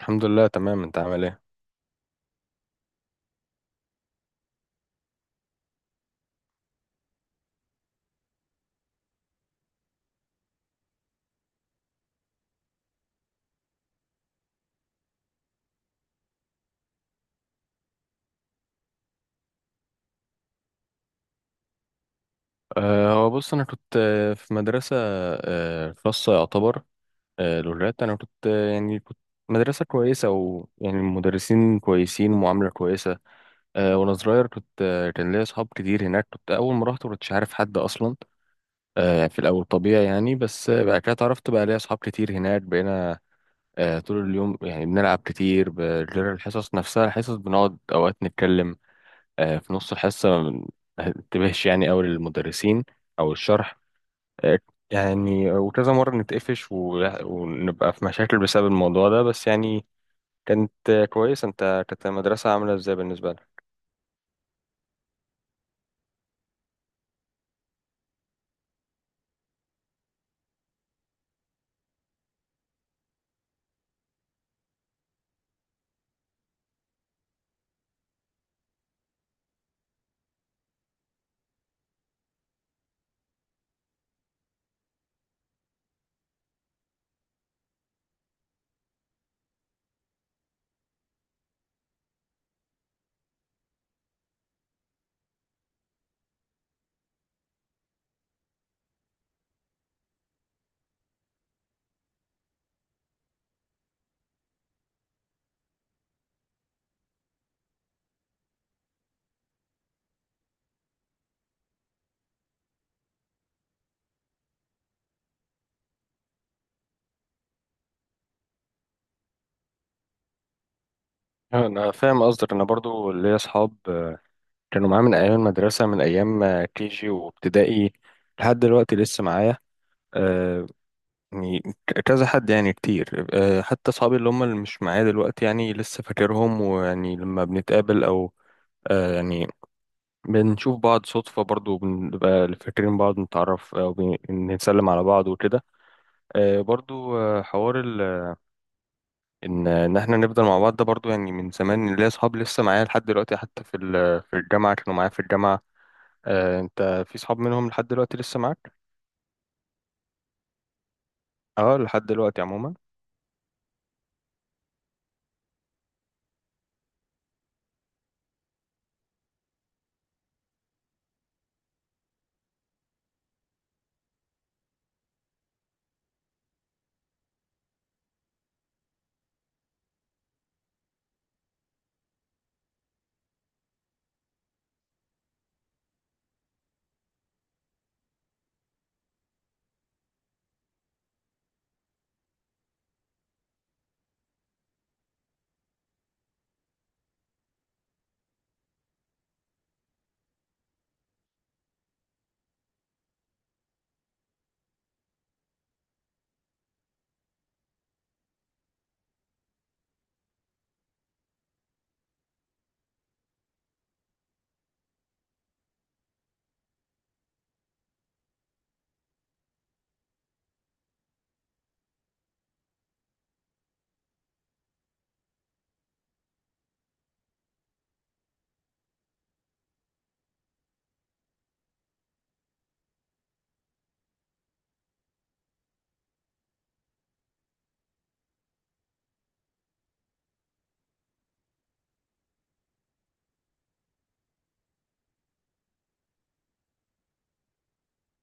الحمد لله، تمام. انت عامل ايه؟ هو بص، انا كنت في مدرسه خاصه يعتبر، لغات. انا كنت يعني كنت مدرسه كويسه، ويعني المدرسين كويسين ومعامله كويسه. وانا صغير كنت كان ليا اصحاب كتير هناك. كنت اول ما رحت ما كنتش عارف حد اصلا، في الاول طبيعي يعني، بس بعد كده اتعرفت بقى ليا اصحاب كتير هناك، بقينا طول اليوم يعني بنلعب كتير، غير الحصص نفسها. الحصص بنقعد اوقات نتكلم، في نص الحصة ما انتبهش يعني أوي للمدرسين أو الشرح، آه، يعني وكذا مرة نتقفش ونبقى في مشاكل بسبب الموضوع ده بس يعني. كانت كويسة. أنت كانت المدرسة عاملة إزاي بالنسبة لك؟ أنا فاهم قصدك. أنا برضو ليا أصحاب كانوا معايا من أيام المدرسة، من أيام كي جي وابتدائي، لحد دلوقتي لسه معايا آه، يعني كذا حد، يعني كتير. حتى أصحابي اللي هم اللي مش معايا دلوقتي يعني لسه فاكرهم، ويعني لما بنتقابل أو يعني بنشوف بعض صدفة، برضو بنبقى فاكرين بعض، نتعرف وبنسلم على بعض وكده. برضو حوار إن إحنا نفضل مع بعض ده، برضو يعني من زمان ليا أصحاب لسه معايا لحد دلوقتي، حتى في في الجامعة كانوا معايا في الجامعة. أنت في صحاب منهم لحد دلوقتي لسه معاك؟ أه، لحد دلوقتي عموما.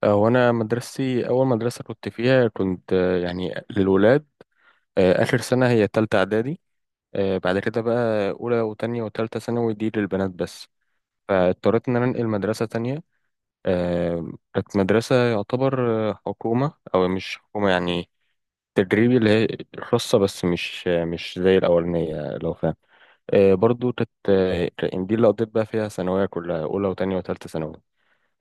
وأنا مدرستي أول مدرسة كنت فيها، كنت يعني للولاد. آخر سنة هي تالتة إعدادي، بعد كده بقى أولى وتانية وتالتة ثانوي دي للبنات بس. فاضطريت ان انا انقل مدرسه تانية، كانت مدرسه يعتبر حكومه او مش حكومه يعني، تدريبي اللي هي خاصة، بس مش مش زي الأولانية لو فاهم. برضو كانت دي اللي قضيت بقى فيها ثانوية كلها، أولى وتانية وتالتة ثانوي.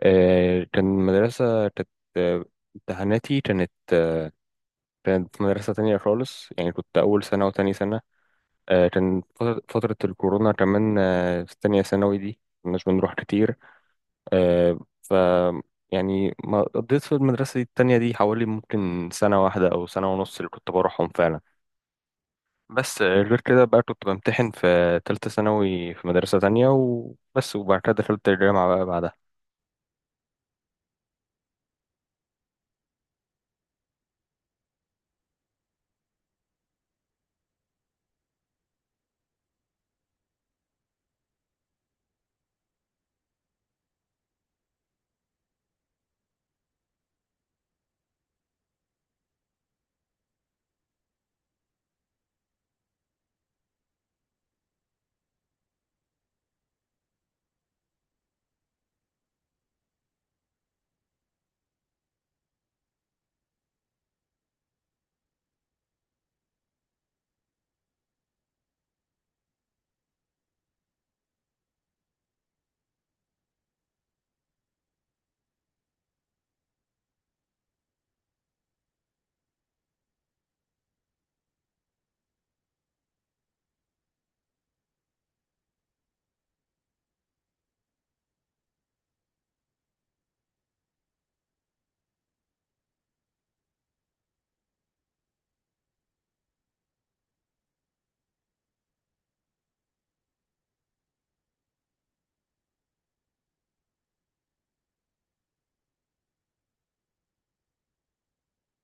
كان مدرسة كانت آه، امتحاناتي كانت في مدرسة تانية خالص. يعني كنت أول سنة وتاني سنة كان فترة الكورونا كمان. في تانية ثانوي دي مكناش بنروح كتير، آه، ف يعني ما قضيت في المدرسة دي التانية دي حوالي ممكن سنة واحدة أو سنة ونص اللي كنت بروحهم فعلا. بس غير كده بقى كنت بمتحن في تالتة ثانوي في مدرسة تانية وبس، وبعد كده دخلت الجامعة بقى بعدها.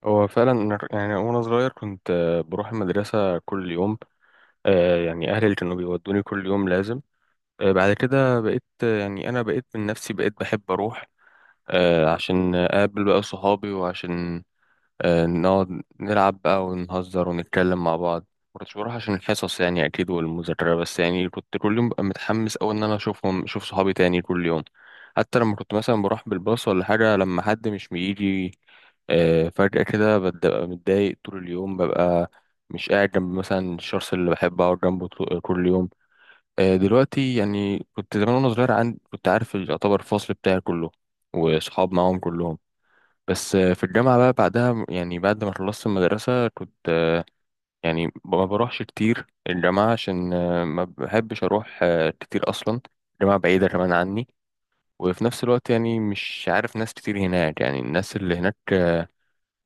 هو فعلا يعني وأنا صغير كنت بروح المدرسة كل يوم، يعني أهلي اللي كانوا بيودوني كل يوم لازم. بعد كده بقيت يعني أنا بقيت من نفسي، بقيت بحب أروح عشان أقابل بقى صحابي، وعشان نقعد نلعب بقى ونهزر ونتكلم مع بعض. مكنتش بروح عشان الحصص يعني أكيد والمذاكرة، بس يعني كنت كل يوم ببقى متحمس أوي إن أنا أشوفهم، أشوف صحابي تاني كل يوم. حتى لما كنت مثلا بروح بالباص ولا حاجة لما حد مش بيجي فجأة كده ببقى متضايق طول اليوم، ببقى مش قاعد جنب مثلا الشخص اللي بحب أقعد جنبه كل يوم. دلوقتي يعني كنت زمان وأنا صغير عندي، كنت عارف يعتبر الفصل بتاعي كله، وصحاب معاهم كلهم. بس في الجامعة بقى بعدها، يعني بعد ما خلصت المدرسة كنت ما بروحش كتير الجامعة، عشان ما بحبش أروح كتير أصلا. الجامعة بعيدة كمان عني، وفي نفس الوقت يعني مش عارف ناس كتير هناك. يعني الناس اللي هناك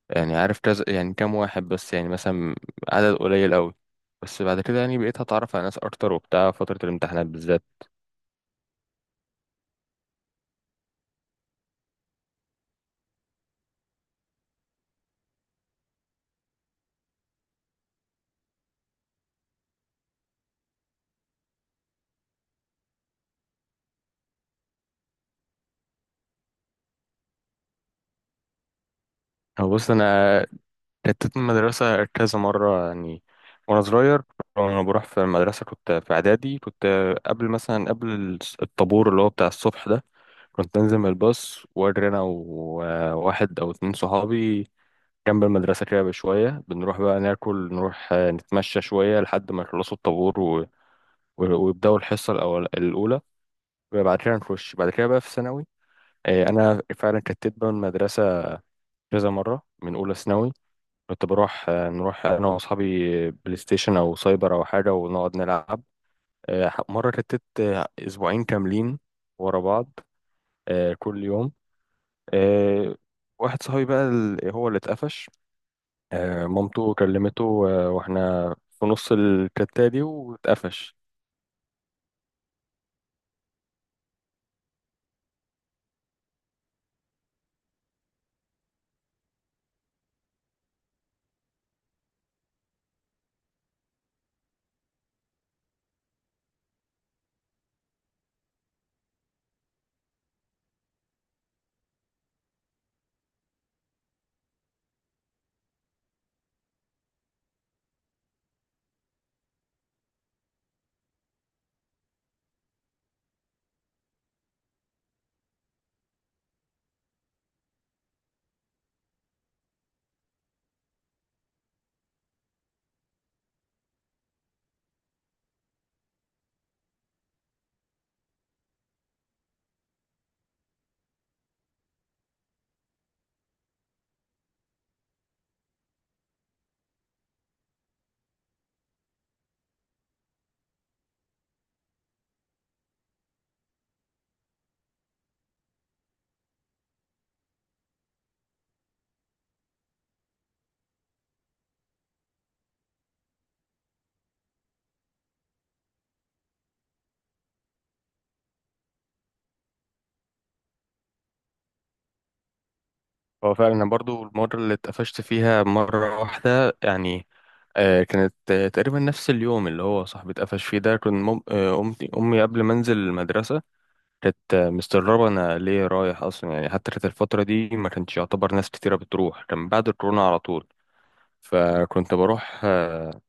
يعني عارف كذا، يعني كام واحد بس، يعني مثلا عدد قليل أوي. بس بعد كده يعني بقيت هتعرف على ناس أكتر وبتاع فترة الامتحانات بالذات. هو بص، أنا اتت من المدرسة كذا مرة يعني وأنا صغير. وأنا بروح في المدرسة كنت في إعدادي، كنت قبل مثلا قبل الطابور اللي هو بتاع الصبح ده، كنت أنزل من الباص وأجري أنا وواحد أو اتنين صحابي جنب المدرسة كده بشوية، بنروح بقى ناكل، نروح نتمشى شوية لحد ما يخلصوا الطابور ويبدأوا الحصة الأولى، وبعد كده نخش. بعد كده بقى في ثانوي أنا فعلا كتت بقى المدرسة كذا مرة. من أولى ثانوي كنت بروح نروح انا واصحابي بلاي ستيشن او سايبر او حاجه ونقعد نلعب. مره رتت اسبوعين كاملين ورا بعض، كل يوم. آه، واحد صاحبي بقى هو اللي اتقفش، مامته كلمته واحنا في نص الكتة دي واتقفش. هو فعلا أنا برضو المرة اللي اتقفشت فيها مرة واحدة يعني، كانت تقريبا نفس اليوم اللي هو صاحبي اتقفش فيه ده. كنت أمي قبل ما أنزل المدرسة كانت مستغربة أنا ليه رايح أصلا، يعني حتى كانت الفترة دي ما كانش يعتبر ناس كتيرة بتروح، كان بعد الكورونا على طول. فكنت بروح آه،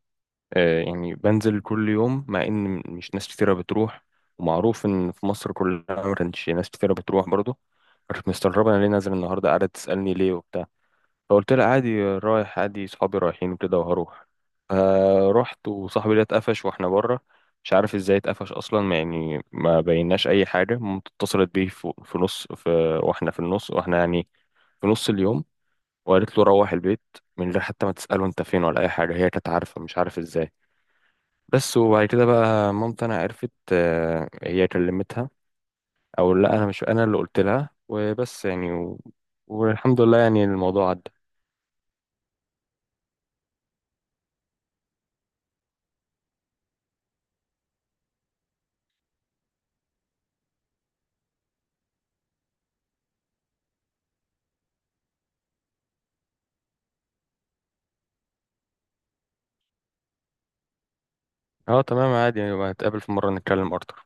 آه، يعني بنزل كل يوم مع إن مش ناس كتيرة بتروح، ومعروف إن في مصر كلها ما كانش ناس كتيرة بتروح برضه. كانت مستغربة أنا ليه نازل النهاردة، قاعدة تسألني ليه وبتاع، فقلت لها عادي رايح، عادي صحابي رايحين وكده وهروح. رحت وصاحبي ده اتقفش واحنا بره، مش عارف ازاي اتقفش اصلا، ما يعني ما بيناش اي حاجه. مامته اتصلت بيه في نص، واحنا في النص، واحنا يعني في نص اليوم، وقالت له روح البيت، من غير حتى ما تساله انت فين ولا اي حاجه. هي كانت عارفه، مش عارف ازاي. بس وبعد كده بقى مامتي انا عرفت، هي كلمتها او لا، انا مش انا اللي قلت لها وبس يعني و... والحمد لله يعني الموضوع عدى. اه تمام، عادي، يبقى نتقابل في مرة نتكلم اكتر.